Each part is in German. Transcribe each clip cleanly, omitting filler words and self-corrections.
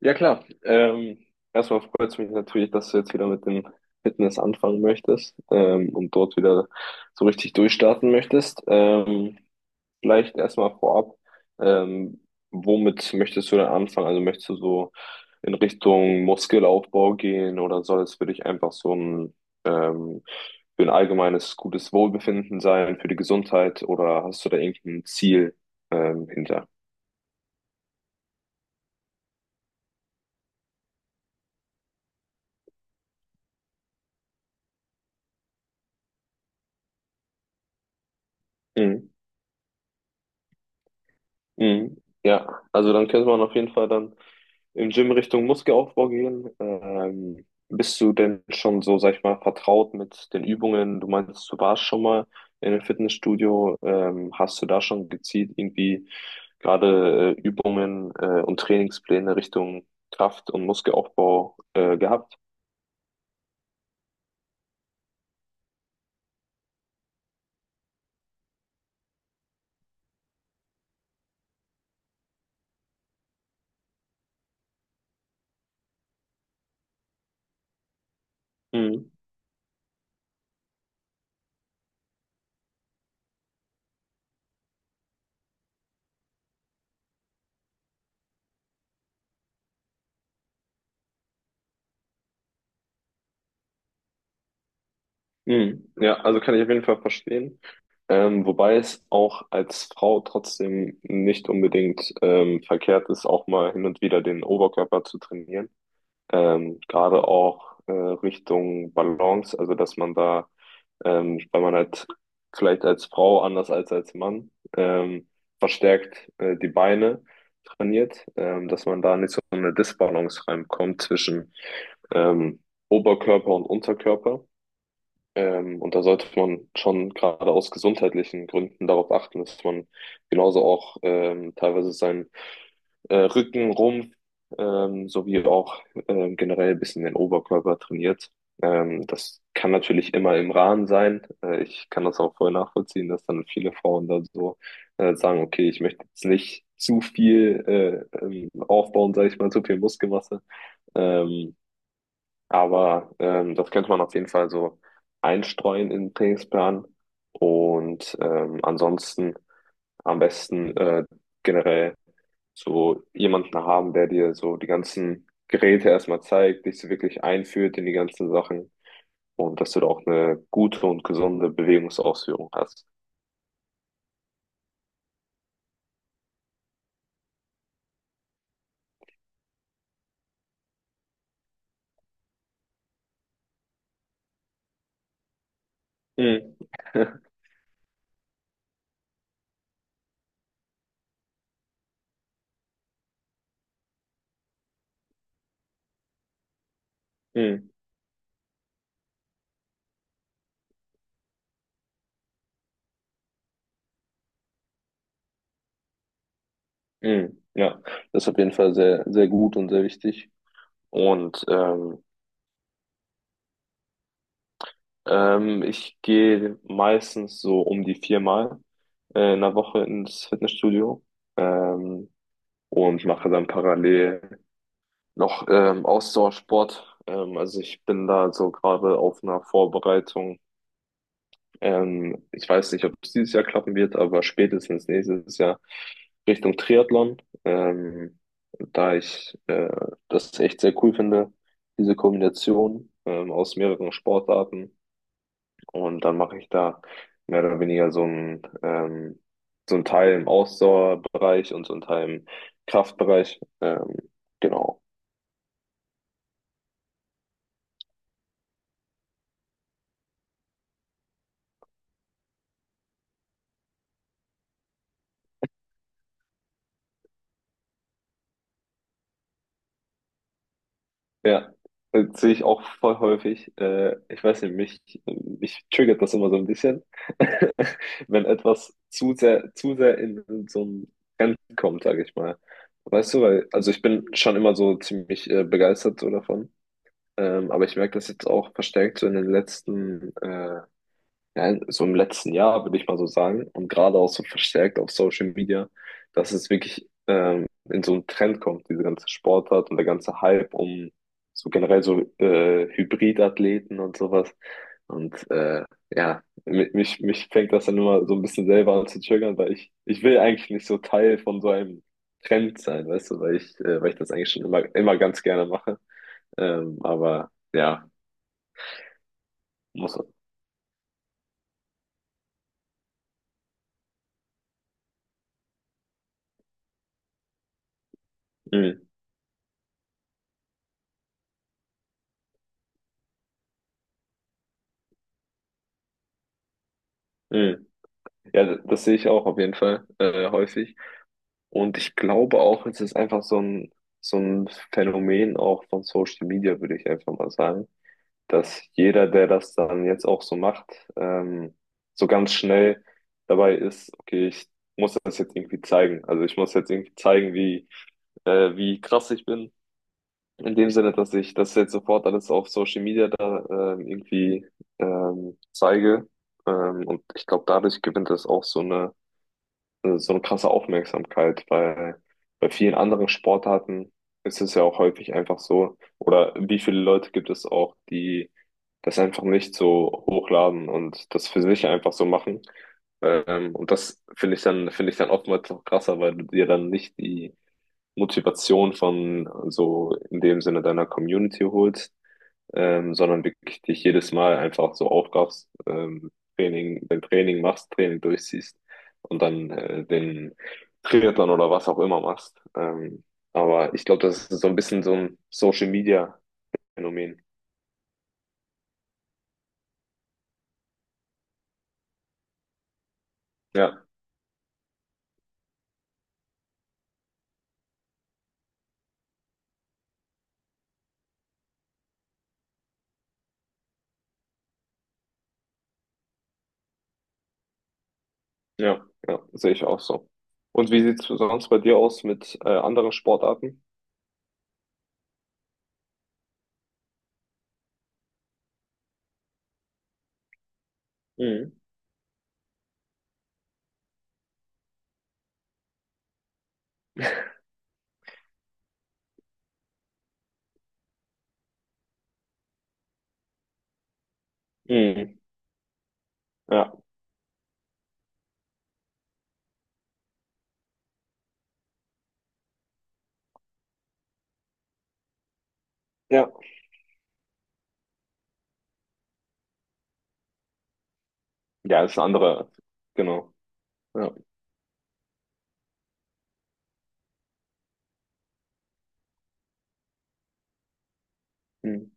Ja klar. Erstmal freut es mich natürlich, dass du jetzt wieder mit dem Fitness anfangen möchtest und dort wieder so richtig durchstarten möchtest. Vielleicht erstmal vorab, ähm, womit möchtest du denn anfangen? Also möchtest du so in Richtung Muskelaufbau gehen oder soll es für dich einfach so ein, ähm, für ein allgemeines gutes Wohlbefinden sein, für die Gesundheit oder hast du da irgendein Ziel hinter? Mhm. Mhm. Ja, also dann könnte man auf jeden Fall dann im Gym Richtung Muskelaufbau gehen. Bist du denn schon so, sag ich mal, vertraut mit den Übungen? Du meinst, du warst schon mal in einem Fitnessstudio. Hast du da schon gezielt irgendwie gerade Übungen und Trainingspläne Richtung Kraft- und Muskelaufbau gehabt? Mhm. Mhm. Ja, also kann ich auf jeden Fall verstehen. Wobei es auch als Frau trotzdem nicht unbedingt verkehrt ist, auch mal hin und wieder den Oberkörper zu trainieren. Gerade auch Richtung Balance, also dass man da, weil man halt vielleicht als Frau anders als Mann ähm, verstärkt die Beine trainiert, dass man da nicht so eine Disbalance reinkommt zwischen ähm, Oberkörper und Unterkörper. Und da sollte man schon gerade aus gesundheitlichen Gründen darauf achten, dass man genauso auch teilweise seinen Rücken, Rumpf sowie auch generell ein bisschen den Oberkörper trainiert. Das kann natürlich immer im Rahmen sein. Ich kann das auch voll nachvollziehen, dass dann viele Frauen da so sagen, okay, ich möchte jetzt nicht zu viel aufbauen, sage ich mal, zu viel Muskelmasse. Ähm, aber das könnte man auf jeden Fall so einstreuen in den Trainingsplan. Und ansonsten am besten generell so jemanden haben, der dir so die ganzen Geräte erstmal zeigt, dich so wirklich einführt in die ganzen Sachen und dass du da auch eine gute und gesunde Bewegungsausführung hast. Mhm. Mhm. Mhm. Ja, das ist auf jeden Fall sehr, sehr gut und sehr wichtig. Und ähm, ich gehe meistens so um die viermal in der Woche ins Fitnessstudio ähm, und mache dann parallel noch Ausdauersport. Also ich bin da so gerade auf einer Vorbereitung. Ich weiß nicht, ob es dieses Jahr klappen wird, aber spätestens nächstes Jahr Richtung Triathlon, ähm, da ich das echt sehr cool finde, diese Kombination aus mehreren Sportarten. Und dann mache ich da mehr oder weniger so ein Teil im Ausdauerbereich und so ein Teil im Kraftbereich. Genau. Ja, das sehe ich auch voll häufig. Ich weiß nicht, mich triggert das immer so ein bisschen, wenn etwas zu sehr in so ein Trend kommt, sage ich mal. Weißt du, weil, also ich bin schon immer so ziemlich begeistert so davon. Aber ich merke das jetzt auch verstärkt so in den letzten ja, so im letzten Jahr, würde ich mal so sagen, und gerade auch so verstärkt auf Social Media, dass es wirklich in so einen Trend kommt, diese ganze Sportart und der ganze Hype um so generell so Hybridathleten und sowas. Und ja, mich fängt das dann immer so ein bisschen selber an zu triggern, weil ich will eigentlich nicht so Teil von so einem Trend sein, weißt du, weil ich das eigentlich schon immer, immer ganz gerne mache. Aber ja, muss. Mm, mm. Ja, das sehe ich auch auf jeden Fall häufig. Und ich glaube auch, es ist einfach so ein Phänomen auch von Social Media, würde ich einfach mal sagen, dass jeder, der das dann jetzt auch so macht, ähm, so ganz schnell dabei ist, okay, ich muss das jetzt irgendwie zeigen. Also ich muss jetzt irgendwie zeigen, wie, wie krass ich bin. In dem Sinne, dass ich das jetzt sofort alles auf Social Media da irgendwie zeige. Und ich glaube, dadurch gewinnt das auch so eine krasse Aufmerksamkeit, weil bei vielen anderen Sportarten ist es ja auch häufig einfach so, oder wie viele Leute gibt es auch, die das einfach nicht so hochladen und das für sich einfach so machen. Und das finde ich dann oftmals noch krasser, weil du dir dann nicht die Motivation von so in dem Sinne deiner Community holst, sondern wirklich dich jedes Mal einfach so aufraffst, Training, dein Training machst, Training durchziehst und dann den Triathlon oder was auch immer machst. Aber ich glaube, das ist so ein bisschen so ein Social Media Phänomen. Ja, ja, ja, sehe ich auch so. Und wie sieht's sonst bei dir aus mit anderen Sportarten? Mhm. Mhm. Ja, ja. Ja, ist eine andere, genau. Ja, mhm.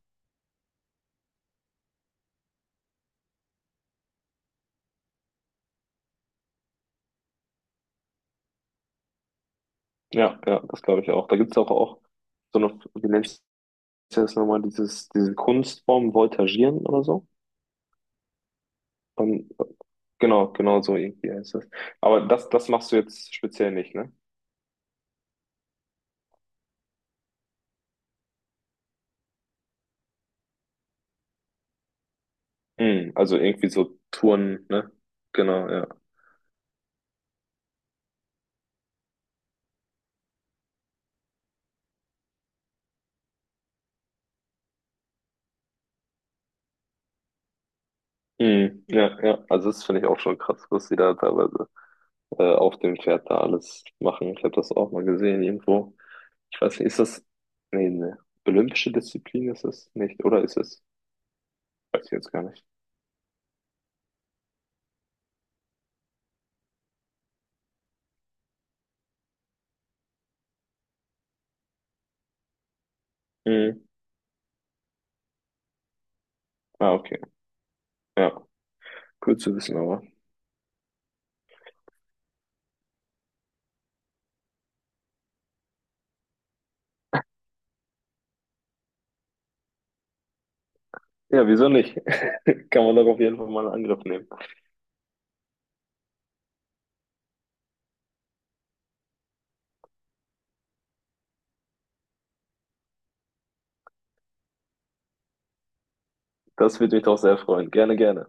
Ja, ja, das glaube ich auch. Da gibt's auch, auch so eine, wie nennt's ist das nochmal dieses, diese Kunstform Voltagieren oder so? Und, genau, genau so irgendwie heißt das. Aber das, das machst du jetzt speziell nicht, ne? Mm, also irgendwie so Touren, ne? Genau, ja. Mm, ja, ja. Also das finde ich auch schon krass, was die da teilweise auf dem Pferd da alles machen. Ich habe das auch mal gesehen irgendwo. Ich weiß nicht, ist das, nee, ne, olympische Disziplin ist es nicht, oder ist es? Weiß ich jetzt gar nicht. Mm, ah, okay. Ja, cool zu wissen, aber. Ja, wieso nicht? Kann man doch auf jeden Fall mal einen Angriff nehmen. Das würde mich doch sehr freuen. Gerne, gerne.